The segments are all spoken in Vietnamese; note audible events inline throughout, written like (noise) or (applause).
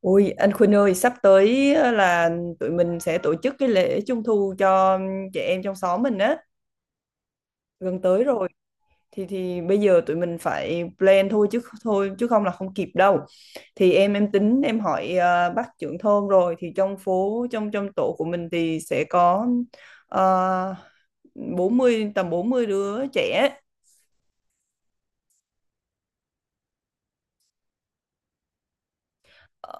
Ôi anh Khuynh ơi, sắp tới là tụi mình sẽ tổ chức cái lễ Trung Thu cho trẻ em trong xóm mình á, gần tới rồi. Thì bây giờ tụi mình phải plan thôi chứ không là không kịp đâu. Thì em tính em hỏi bác trưởng thôn, rồi thì trong phố, trong trong tổ của mình thì sẽ có ờ, 40 tầm 40 đứa trẻ. Ờ,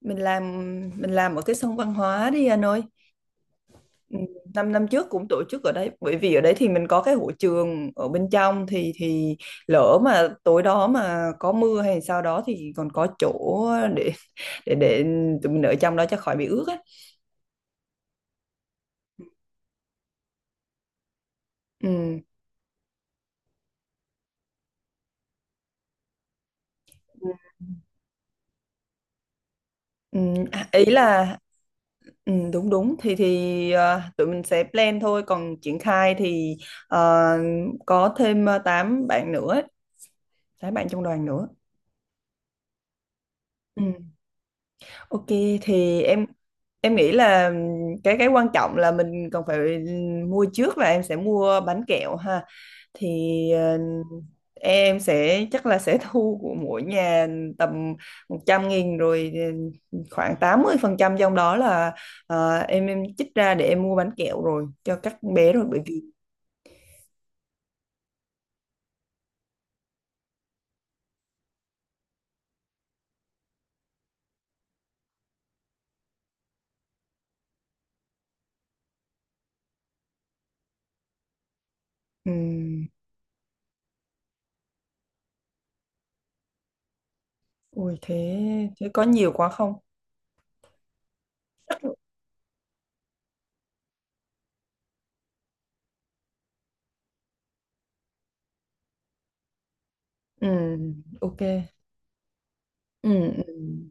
Mình làm mình làm ở cái sân văn hóa đi anh ơi. Ừ, 5 năm trước cũng tổ chức ở đấy, bởi vì ở đấy thì mình có cái hội trường ở bên trong, thì lỡ mà tối đó mà có mưa hay sao đó thì còn có chỗ để để tụi mình ở trong đó cho khỏi bị ướt á. Ừ. Ừ. Ý là, đúng đúng thì tụi mình sẽ plan thôi, còn triển khai thì ờ, có thêm tám bạn nữa, tám bạn trong đoàn nữa. Ok, thì em nghĩ là cái quan trọng là mình còn phải mua trước, là em sẽ mua bánh kẹo ha. Thì em sẽ, chắc là sẽ (laughs) thu của mỗi nhà tầm 100.000 rồi. Khoảng 80% trong đó là em chích ra để em mua bánh kẹo rồi cho các bé, rồi bởi vì… ừm, Ui thế, có nhiều quá không? Ok. Ừm. Ừm.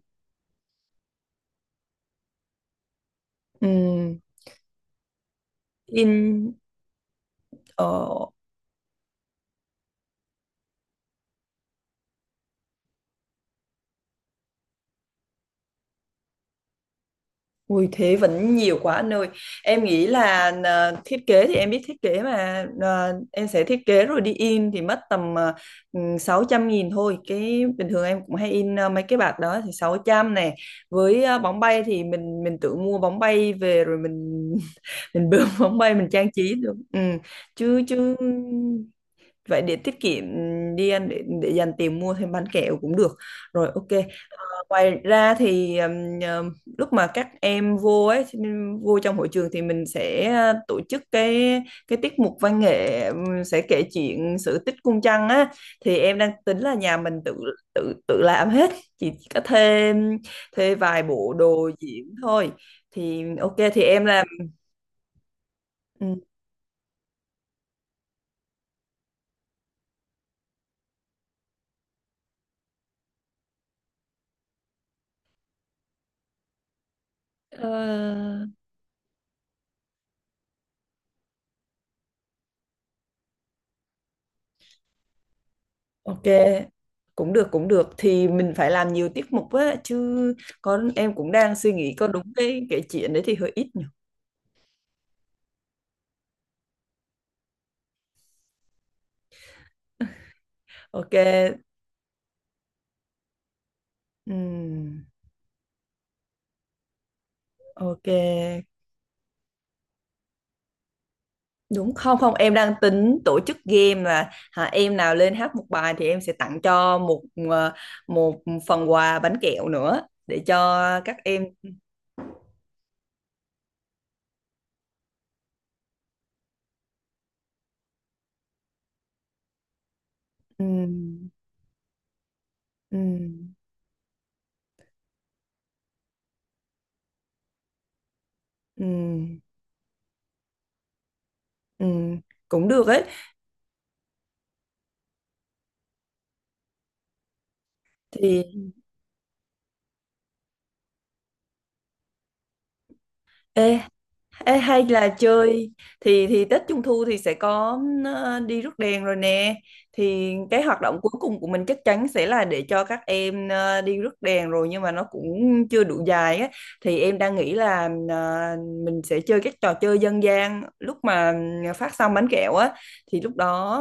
Ừm. in ờ Ui thế vẫn nhiều quá anh ơi. Em nghĩ là thiết kế thì em biết thiết kế mà, em sẽ thiết kế rồi đi in thì mất tầm, 600 nghìn thôi. Cái bình thường em cũng hay in, mấy cái bạc đó thì 600 này. Với, bóng bay thì mình tự mua bóng bay về rồi (laughs) mình bơm bóng bay mình trang trí được. Ừ. Chứ chứ vậy để tiết kiệm đi anh, để dành tiền mua thêm bánh kẹo cũng được. Rồi, ok. Ngoài ra thì lúc mà các em vô ấy, vô trong hội trường thì mình sẽ tổ chức cái, tiết mục văn nghệ, sẽ kể chuyện sự tích cung trăng á. Thì em đang tính là nhà mình tự tự tự làm hết, chỉ có thuê thuê vài bộ đồ diễn thôi, thì ok thì em làm. ừm, ờ, ok, cũng được, cũng được, thì mình phải làm nhiều tiết mục á chứ. Con em cũng đang suy nghĩ, có đúng cái kể chuyện đấy thì hơi ít. Ok. ừm, ok. Đúng không? Không, em đang tính tổ chức game là, hả, em nào lên hát một bài thì em sẽ tặng cho một, ờ, một phần quà bánh kẹo nữa để cho các em. Ừm. Ừm. Ừm. Ừm. Cũng được ấy thì, ê. Ê, hay là chơi, thì Tết Trung Thu thì sẽ có đi rước đèn rồi nè. Thì cái hoạt động cuối cùng của mình chắc chắn sẽ là để cho các em đi rước đèn rồi, nhưng mà nó cũng chưa đủ dài á. Thì em đang nghĩ là mình sẽ chơi các trò chơi dân gian lúc mà phát xong bánh kẹo á. Thì lúc đó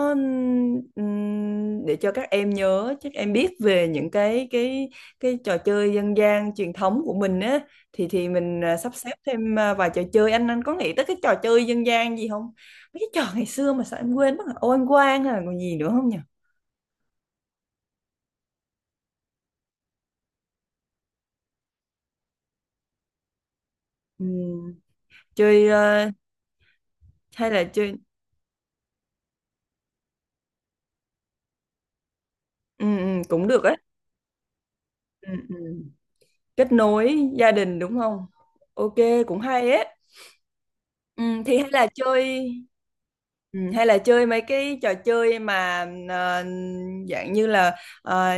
để cho các em nhớ, chắc em biết về những cái trò chơi dân gian truyền thống của mình, thì mình sắp xếp thêm vài trò chơi. Anh, có nghĩ tới cái trò chơi dân gian gì không? Mấy cái trò ngày xưa mà sao em quên mất rồi? Ô ăn quan hay là còn gì nữa không nhỉ? Ừ. Chơi, hay là chơi, ừ, ừ, cũng được á. Ừ, ừ. Kết nối gia đình, đúng không? Ok, cũng hay ấy. Ừ, thì hay là chơi, ừ, hay là chơi mấy cái trò chơi mà ờ, dạng như là, ờ,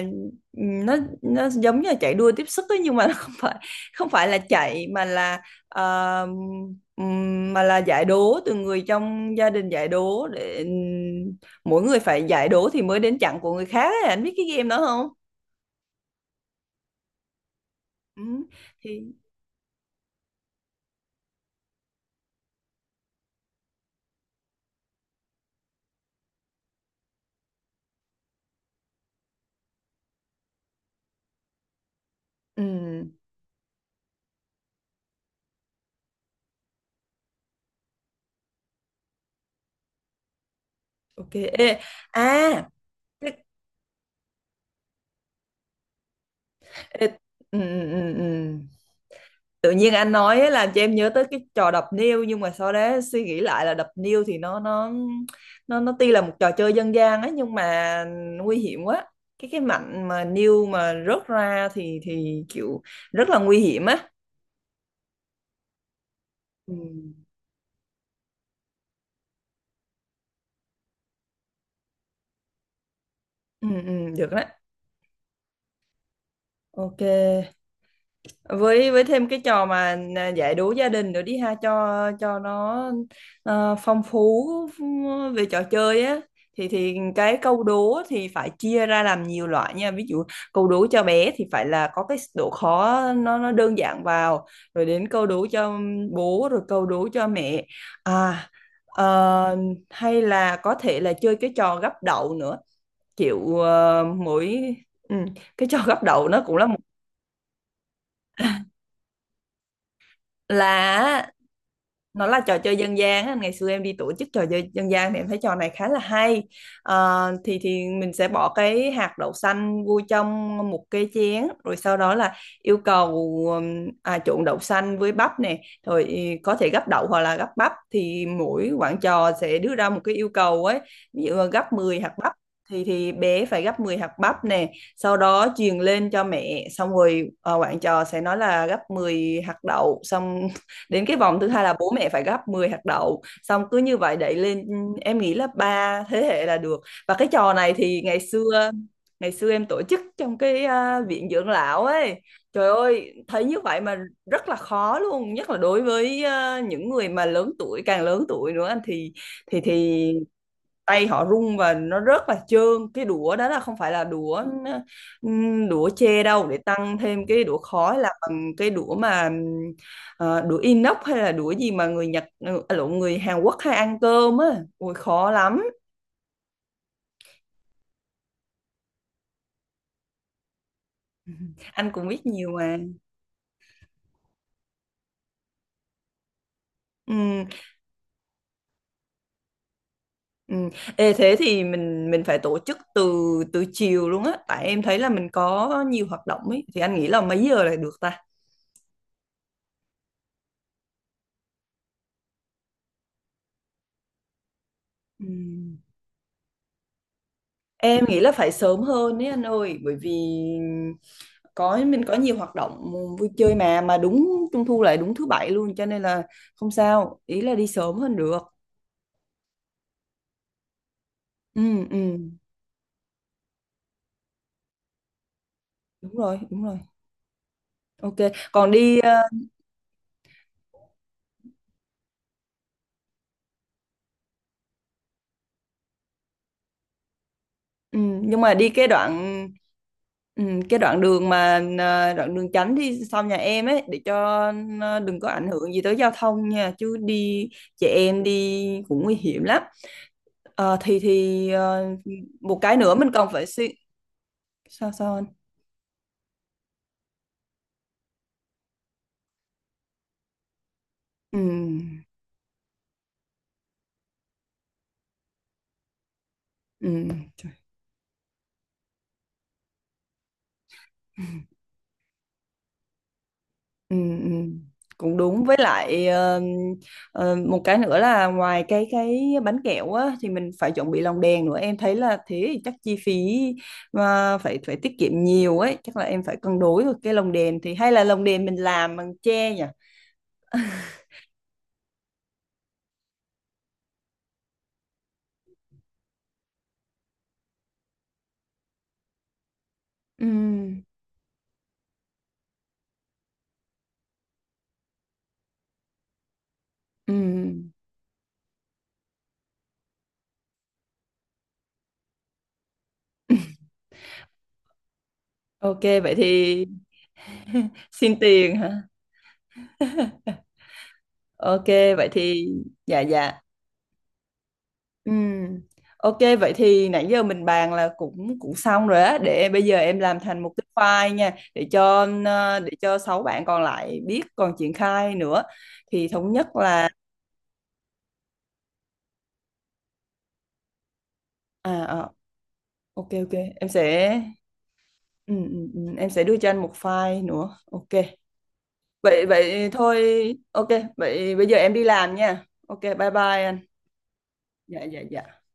ừ, nó nó giống như là chạy đua tiếp sức ấy, nhưng mà (laughs) nó không phải, là chạy mà là ờ, mà là giải đố từ người trong gia đình, giải đố để mỗi người phải giải đố thì mới đến chặng của người khác ấy. Anh biết cái game đó không? Ừ, thì ừ, ok. Ê, à cái- ê, ừ, ừ, ừ, ừ. Tự nhiên anh nói ấy làm cho em nhớ tới cái trò đập niêu, nhưng mà sau đó suy nghĩ lại là đập niêu thì nó tuy là một trò chơi dân gian ấy nhưng mà nguy hiểm quá. Cái mảnh mà niêu mà rớt ra thì kiểu rất là nguy hiểm á. Ừ. Ừ, ừ, được đó. Ok, với thêm cái trò mà giải đố gia đình nữa đi ha, cho nó phong phú về trò chơi á. Thì cái câu đố thì phải chia ra làm nhiều loại nha, ví dụ câu đố cho bé thì phải là có cái độ khó, nó đơn giản vào, rồi đến câu đố cho bố, rồi câu đố cho mẹ. à ờ, Hay là có thể là chơi cái trò gắp đậu nữa, kiểu mỗi, ừ, cái trò gắp đậu nó cũng là, là nó là trò chơi dân gian á. Ngày xưa em đi tổ chức trò chơi dân gian thì em thấy trò này khá là hay. Ờ, thì mình sẽ bỏ cái hạt đậu xanh vô trong một cái chén rồi sau đó là yêu cầu trộn đậu xanh với bắp nè, rồi, có thể gắp đậu hoặc là gắp bắp, thì mỗi quản trò sẽ đưa ra một cái yêu cầu ấy, ví dụ là gắp 10 hạt bắp, thì bé phải gắp 10 hạt bắp nè, sau đó truyền lên cho mẹ. Xong rồi bạn trò sẽ nói là gấp 10 hạt đậu, xong (laughs) đến cái vòng thứ hai là bố mẹ phải gấp 10 hạt đậu, xong cứ như vậy đẩy lên. Ừ, em nghĩ là ba thế hệ là được. Và cái trò này thì ngày xưa, em tổ chức trong cái, viện dưỡng lão ấy. Trời ơi, thấy như vậy mà rất là khó luôn, nhất là đối với những người mà lớn tuổi, càng lớn tuổi nữa thì tay họ run và nó rất là trơn. Cái đũa đó là không phải là đũa đũa tre đâu, để tăng thêm cái đũa khói là bằng cái đũa mà đũa inox, hay là đũa gì mà người Nhật, lộn, người Hàn Quốc hay ăn cơm á. Ui khó lắm. (laughs) Anh cũng biết nhiều mà. Ừm. Ừm. Ê, thế thì mình phải tổ chức từ, chiều luôn á, tại em thấy là mình có nhiều hoạt động ấy, thì anh nghĩ là mấy giờ là được ta? Ừm. Em nghĩ là phải sớm hơn đấy anh ơi, bởi vì mình có nhiều hoạt động vui chơi, mà đúng Trung Thu lại đúng thứ bảy luôn cho nên là không sao, ý là đi sớm hơn được. Ừ. Ừ, đúng rồi, đúng rồi. Ok, còn đi ừ, nhưng mà đi cái đoạn, ừ, cái đoạn đường mà đoạn đường tránh đi sau nhà em ấy, để cho đừng có ảnh hưởng gì tới giao thông nha, chứ đi chị em đi cũng nguy hiểm lắm. Ờ, một cái nữa mình còn phải suy… Sao sao anh? Ừ. Ừ. Trời. (laughs) Ừ. Ừ. Cũng đúng, với lại một cái nữa là ngoài cái bánh kẹo á thì mình phải chuẩn bị lòng đèn nữa, em thấy là thế thì chắc chi phí mà phải phải tiết kiệm nhiều ấy, chắc là em phải cân đối được. Cái lồng đèn thì hay là lồng đèn mình làm bằng tre nhỉ? (laughs) Ừ. Ừ. Ok vậy thì. (laughs) Xin tiền hả? Ok, vậy thì, dạ dạ. Ừm. Ok, vậy thì nãy giờ mình bàn là cũng cũng xong rồi á, để bây giờ em làm thành một cái file nha, để cho để cho sáu bạn còn lại biết còn triển khai nữa. Thì thống nhất là, à, à ok, ok, em sẽ, ừ, em sẽ đưa cho anh một file nữa. Ok. Vậy vậy thôi, ok, vậy bây giờ em đi làm nha. Ok, bye bye anh. Dạ, dạ, dạ.